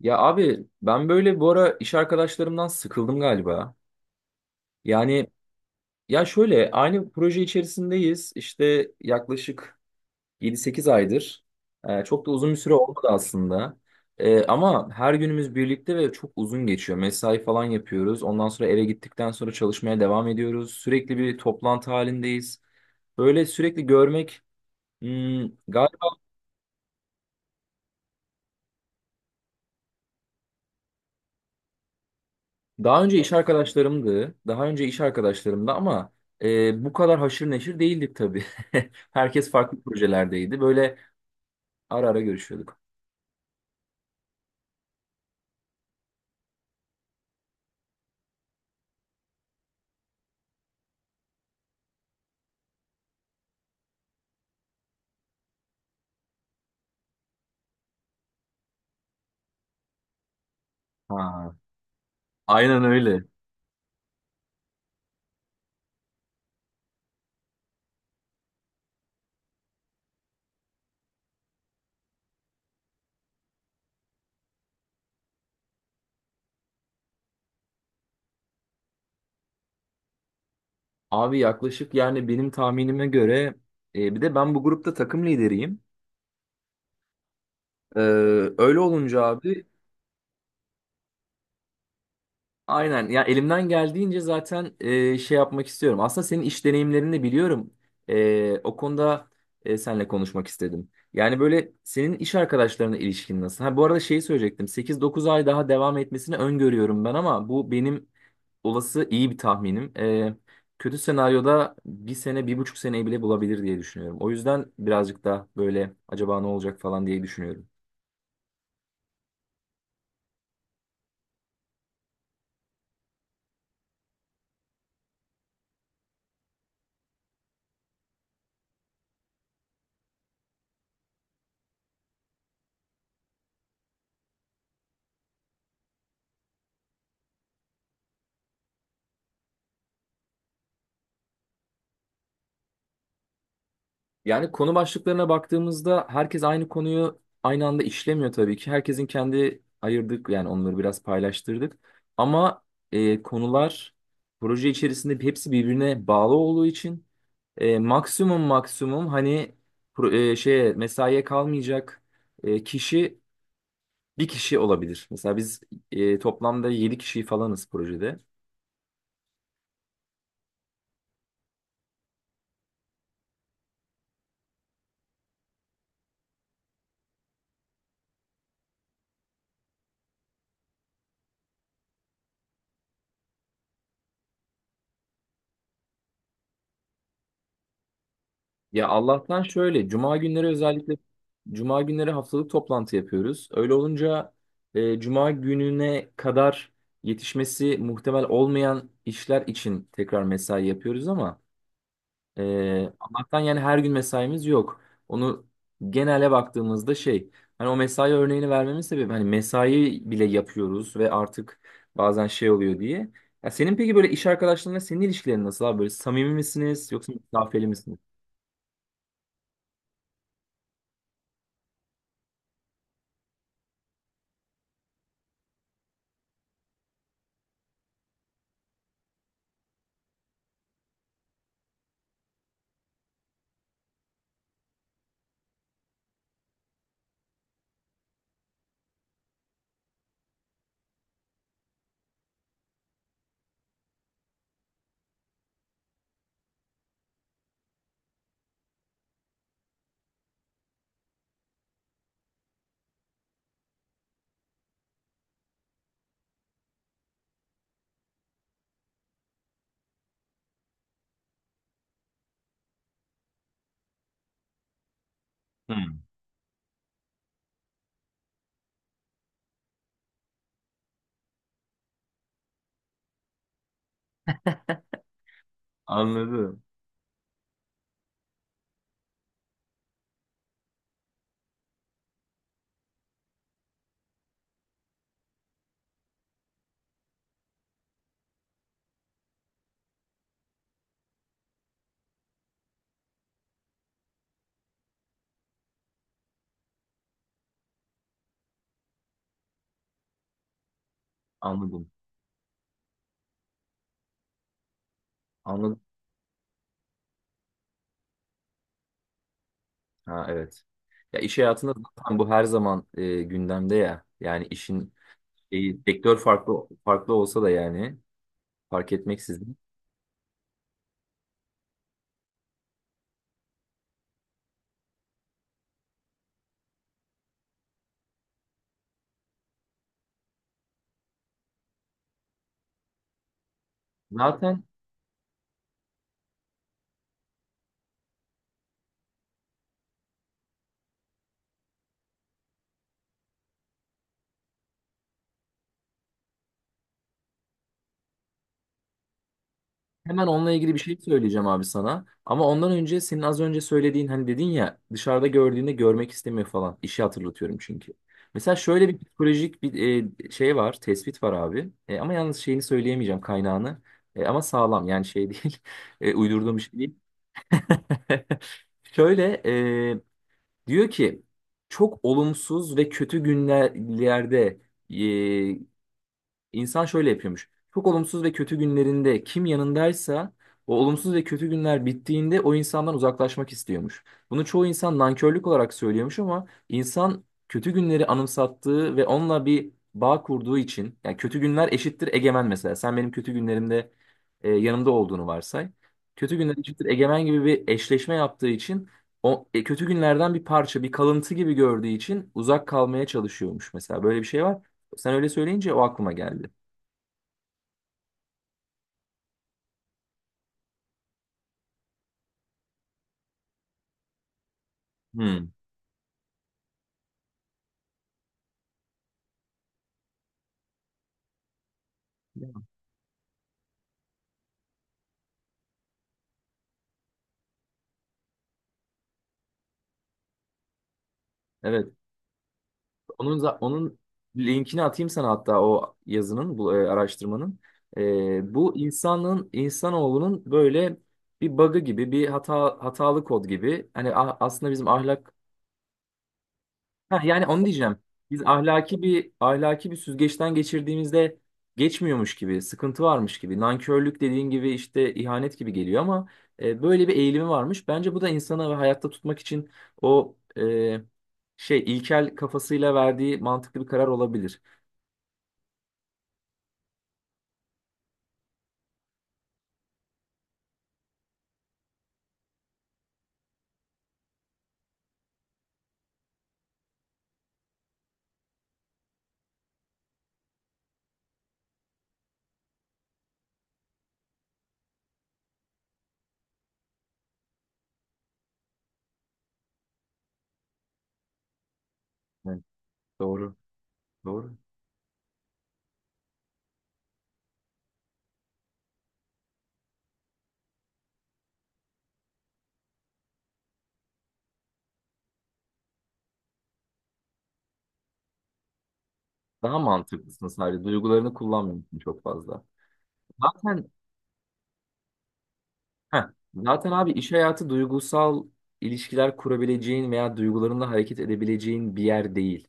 Ya abi ben böyle bu ara iş arkadaşlarımdan sıkıldım galiba. Yani ya şöyle aynı proje içerisindeyiz. İşte yaklaşık 7-8 aydır. Çok da uzun bir süre olmadı aslında. Ama her günümüz birlikte ve çok uzun geçiyor. Mesai falan yapıyoruz. Ondan sonra eve gittikten sonra çalışmaya devam ediyoruz. Sürekli bir toplantı halindeyiz. Böyle sürekli görmek galiba... Daha önce iş arkadaşlarımdı. Daha önce iş arkadaşlarımdı ama bu kadar haşır neşir değildik tabii. Herkes farklı projelerdeydi. Böyle ara ara görüşüyorduk. Ha, aynen öyle. Abi yaklaşık yani benim tahminime göre bir de ben bu grupta takım lideriyim. E, öyle olunca abi... Aynen ya elimden geldiğince zaten şey yapmak istiyorum. Aslında senin iş deneyimlerini de biliyorum. O konuda seninle konuşmak istedim. Yani böyle senin iş arkadaşlarına ilişkin nasıl? Ha, bu arada şeyi söyleyecektim. 8-9 ay daha devam etmesini öngörüyorum ben ama bu benim olası iyi bir tahminim. Kötü senaryoda bir sene, bir buçuk seneyi bile bulabilir diye düşünüyorum. O yüzden birazcık da böyle acaba ne olacak falan diye düşünüyorum. Yani konu başlıklarına baktığımızda herkes aynı konuyu aynı anda işlemiyor tabii ki. Herkesin kendi ayırdık yani onları biraz paylaştırdık. Ama konular proje içerisinde hepsi birbirine bağlı olduğu için maksimum maksimum hani şeye mesaiye kalmayacak kişi bir kişi olabilir. Mesela biz toplamda 7 kişi falanız projede. Ya Allah'tan şöyle cuma günleri özellikle cuma günleri haftalık toplantı yapıyoruz. Öyle olunca cuma gününe kadar yetişmesi muhtemel olmayan işler için tekrar mesai yapıyoruz ama e, Allah'tan yani her gün mesaimiz yok. Onu genele baktığımızda şey hani o mesai örneğini vermemin sebebi hani mesai bile yapıyoruz ve artık bazen şey oluyor diye. Ya senin peki böyle iş arkadaşlarınla senin ilişkilerin nasıl abi? Böyle samimi misiniz yoksa mesafeli misiniz? Hı. Anladım. Anladım. Anladım. Ha, evet. Ya iş hayatında zaten bu her zaman gündemde ya. Yani işin sektör farklı farklı olsa da yani fark etmeksizin. Zaten hemen onunla ilgili bir şey söyleyeceğim abi sana. Ama ondan önce senin az önce söylediğin hani dedin ya dışarıda gördüğünde görmek istemiyor falan. İşi hatırlatıyorum çünkü. Mesela şöyle bir psikolojik bir şey var, tespit var abi. Ama yalnız şeyini söyleyemeyeceğim kaynağını. Ama sağlam yani şey değil. Uydurduğum bir şey değil. Şöyle diyor ki çok olumsuz ve kötü günlerde. İnsan şöyle yapıyormuş. Çok olumsuz ve kötü günlerinde kim yanındaysa o olumsuz ve kötü günler bittiğinde o insandan uzaklaşmak istiyormuş. Bunu çoğu insan nankörlük olarak söylüyormuş ama insan kötü günleri anımsattığı ve onunla bir bağ kurduğu için yani kötü günler eşittir egemen mesela. Sen benim kötü günlerimde yanımda olduğunu varsay. Kötü günler eşittir egemen gibi bir eşleşme yaptığı için o kötü günlerden bir parça, bir kalıntı gibi gördüğü için uzak kalmaya çalışıyormuş mesela. Böyle bir şey var. Sen öyle söyleyince o aklıma geldi. Hmm. Evet. Onun linkini atayım sana, hatta o yazının, bu araştırmanın. Bu insanın insanoğlunun böyle bir bug'ı gibi, bir hata hatalı kod gibi. Hani aslında bizim ahlak... Ha, yani onu diyeceğim. Biz ahlaki bir süzgeçten geçirdiğimizde geçmiyormuş gibi, sıkıntı varmış gibi, nankörlük dediğin gibi işte ihanet gibi geliyor ama böyle bir eğilimi varmış. Bence bu da insana ve hayatta tutmak için o şey ilkel kafasıyla verdiği mantıklı bir karar olabilir. Evet, doğru, doğru. Daha mantıklısın sadece. Duygularını kullanmıyorsun çok fazla. Zaten Heh. Zaten abi iş hayatı duygusal ilişkiler kurabileceğin veya duygularınla hareket edebileceğin bir yer değil.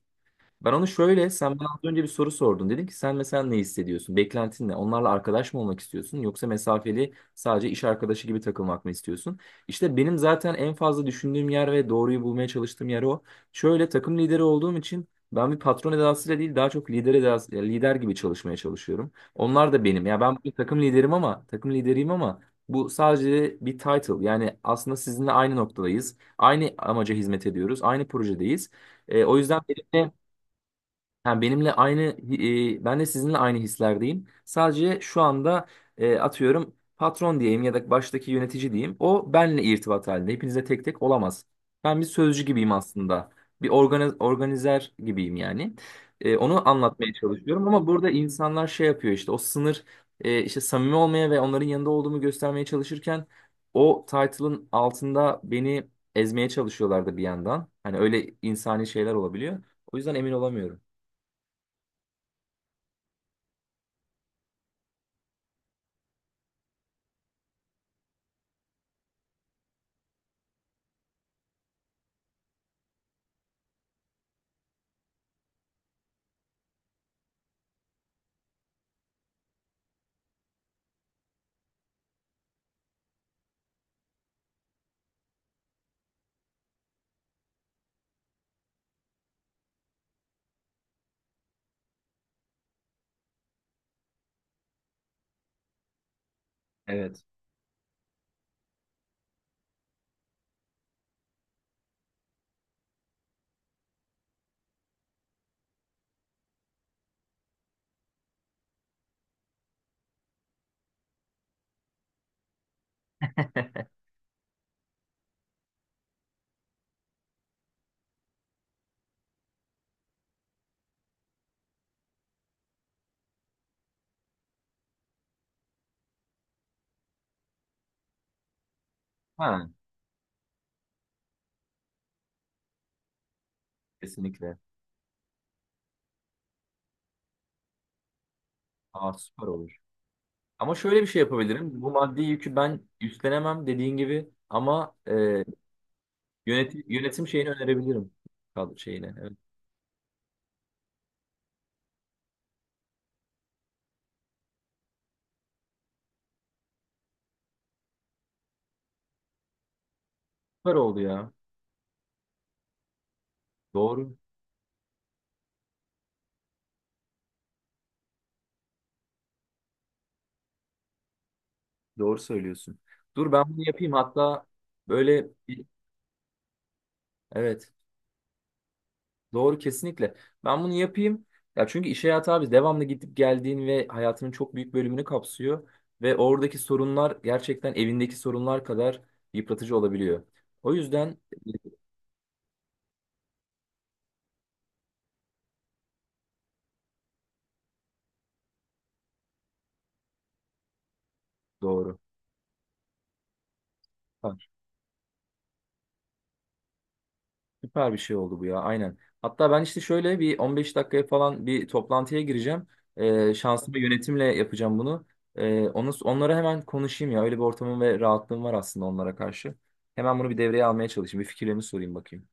Ben onu şöyle, sen bana az önce bir soru sordun. Dedim ki sen mesela ne hissediyorsun? Beklentin ne? Onlarla arkadaş mı olmak istiyorsun? Yoksa mesafeli sadece iş arkadaşı gibi takılmak mı istiyorsun? İşte benim zaten en fazla düşündüğüm yer ve doğruyu bulmaya çalıştığım yer o. Şöyle takım lideri olduğum için ben bir patron edasıyla değil daha çok lider edası, ya lider gibi çalışmaya çalışıyorum. Onlar da benim. Ya ben bir takım liderim ama takım lideriyim ama bu sadece bir title. Yani aslında sizinle aynı noktadayız. Aynı amaca hizmet ediyoruz. Aynı projedeyiz. O yüzden benim yani benimle aynı, ben de sizinle aynı hislerdeyim. Sadece şu anda atıyorum patron diyeyim ya da baştaki yönetici diyeyim. O benle irtibat halinde. Hepinize tek tek olamaz. Ben bir sözcü gibiyim aslında. Bir organizer gibiyim yani. Onu anlatmaya çalışıyorum ama burada insanlar şey yapıyor işte o sınır işte samimi olmaya ve onların yanında olduğumu göstermeye çalışırken o title'ın altında beni ezmeye çalışıyorlardı bir yandan. Hani öyle insani şeyler olabiliyor. O yüzden emin olamıyorum. Evet. Ha, kesinlikle. Aa, süper olur. Ama şöyle bir şey yapabilirim. Bu maddi yükü ben üstlenemem dediğin gibi ama yönetim şeyini önerebilirim. Kadro şeyine. Evet. Süper oldu ya. Doğru. Doğru söylüyorsun. Dur ben bunu yapayım. Hatta böyle bir- evet. Doğru kesinlikle. Ben bunu yapayım. Ya çünkü iş hayatı abi devamlı gidip geldiğin ve hayatının çok büyük bölümünü kapsıyor ve oradaki sorunlar gerçekten evindeki sorunlar kadar yıpratıcı olabiliyor. O yüzden e, doğru. Süper Süper bir şey oldu bu ya aynen. Hatta ben işte şöyle bir 15 dakikaya falan bir toplantıya gireceğim. Şansıma yönetimle yapacağım bunu. Onu, onlara hemen konuşayım ya. Öyle bir ortamım ve rahatlığım var aslında onlara karşı. Hemen bunu bir devreye almaya çalışayım. Bir fikirlerini sorayım bakayım.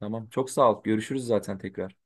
Tamam. Çok sağ ol. Görüşürüz zaten tekrar.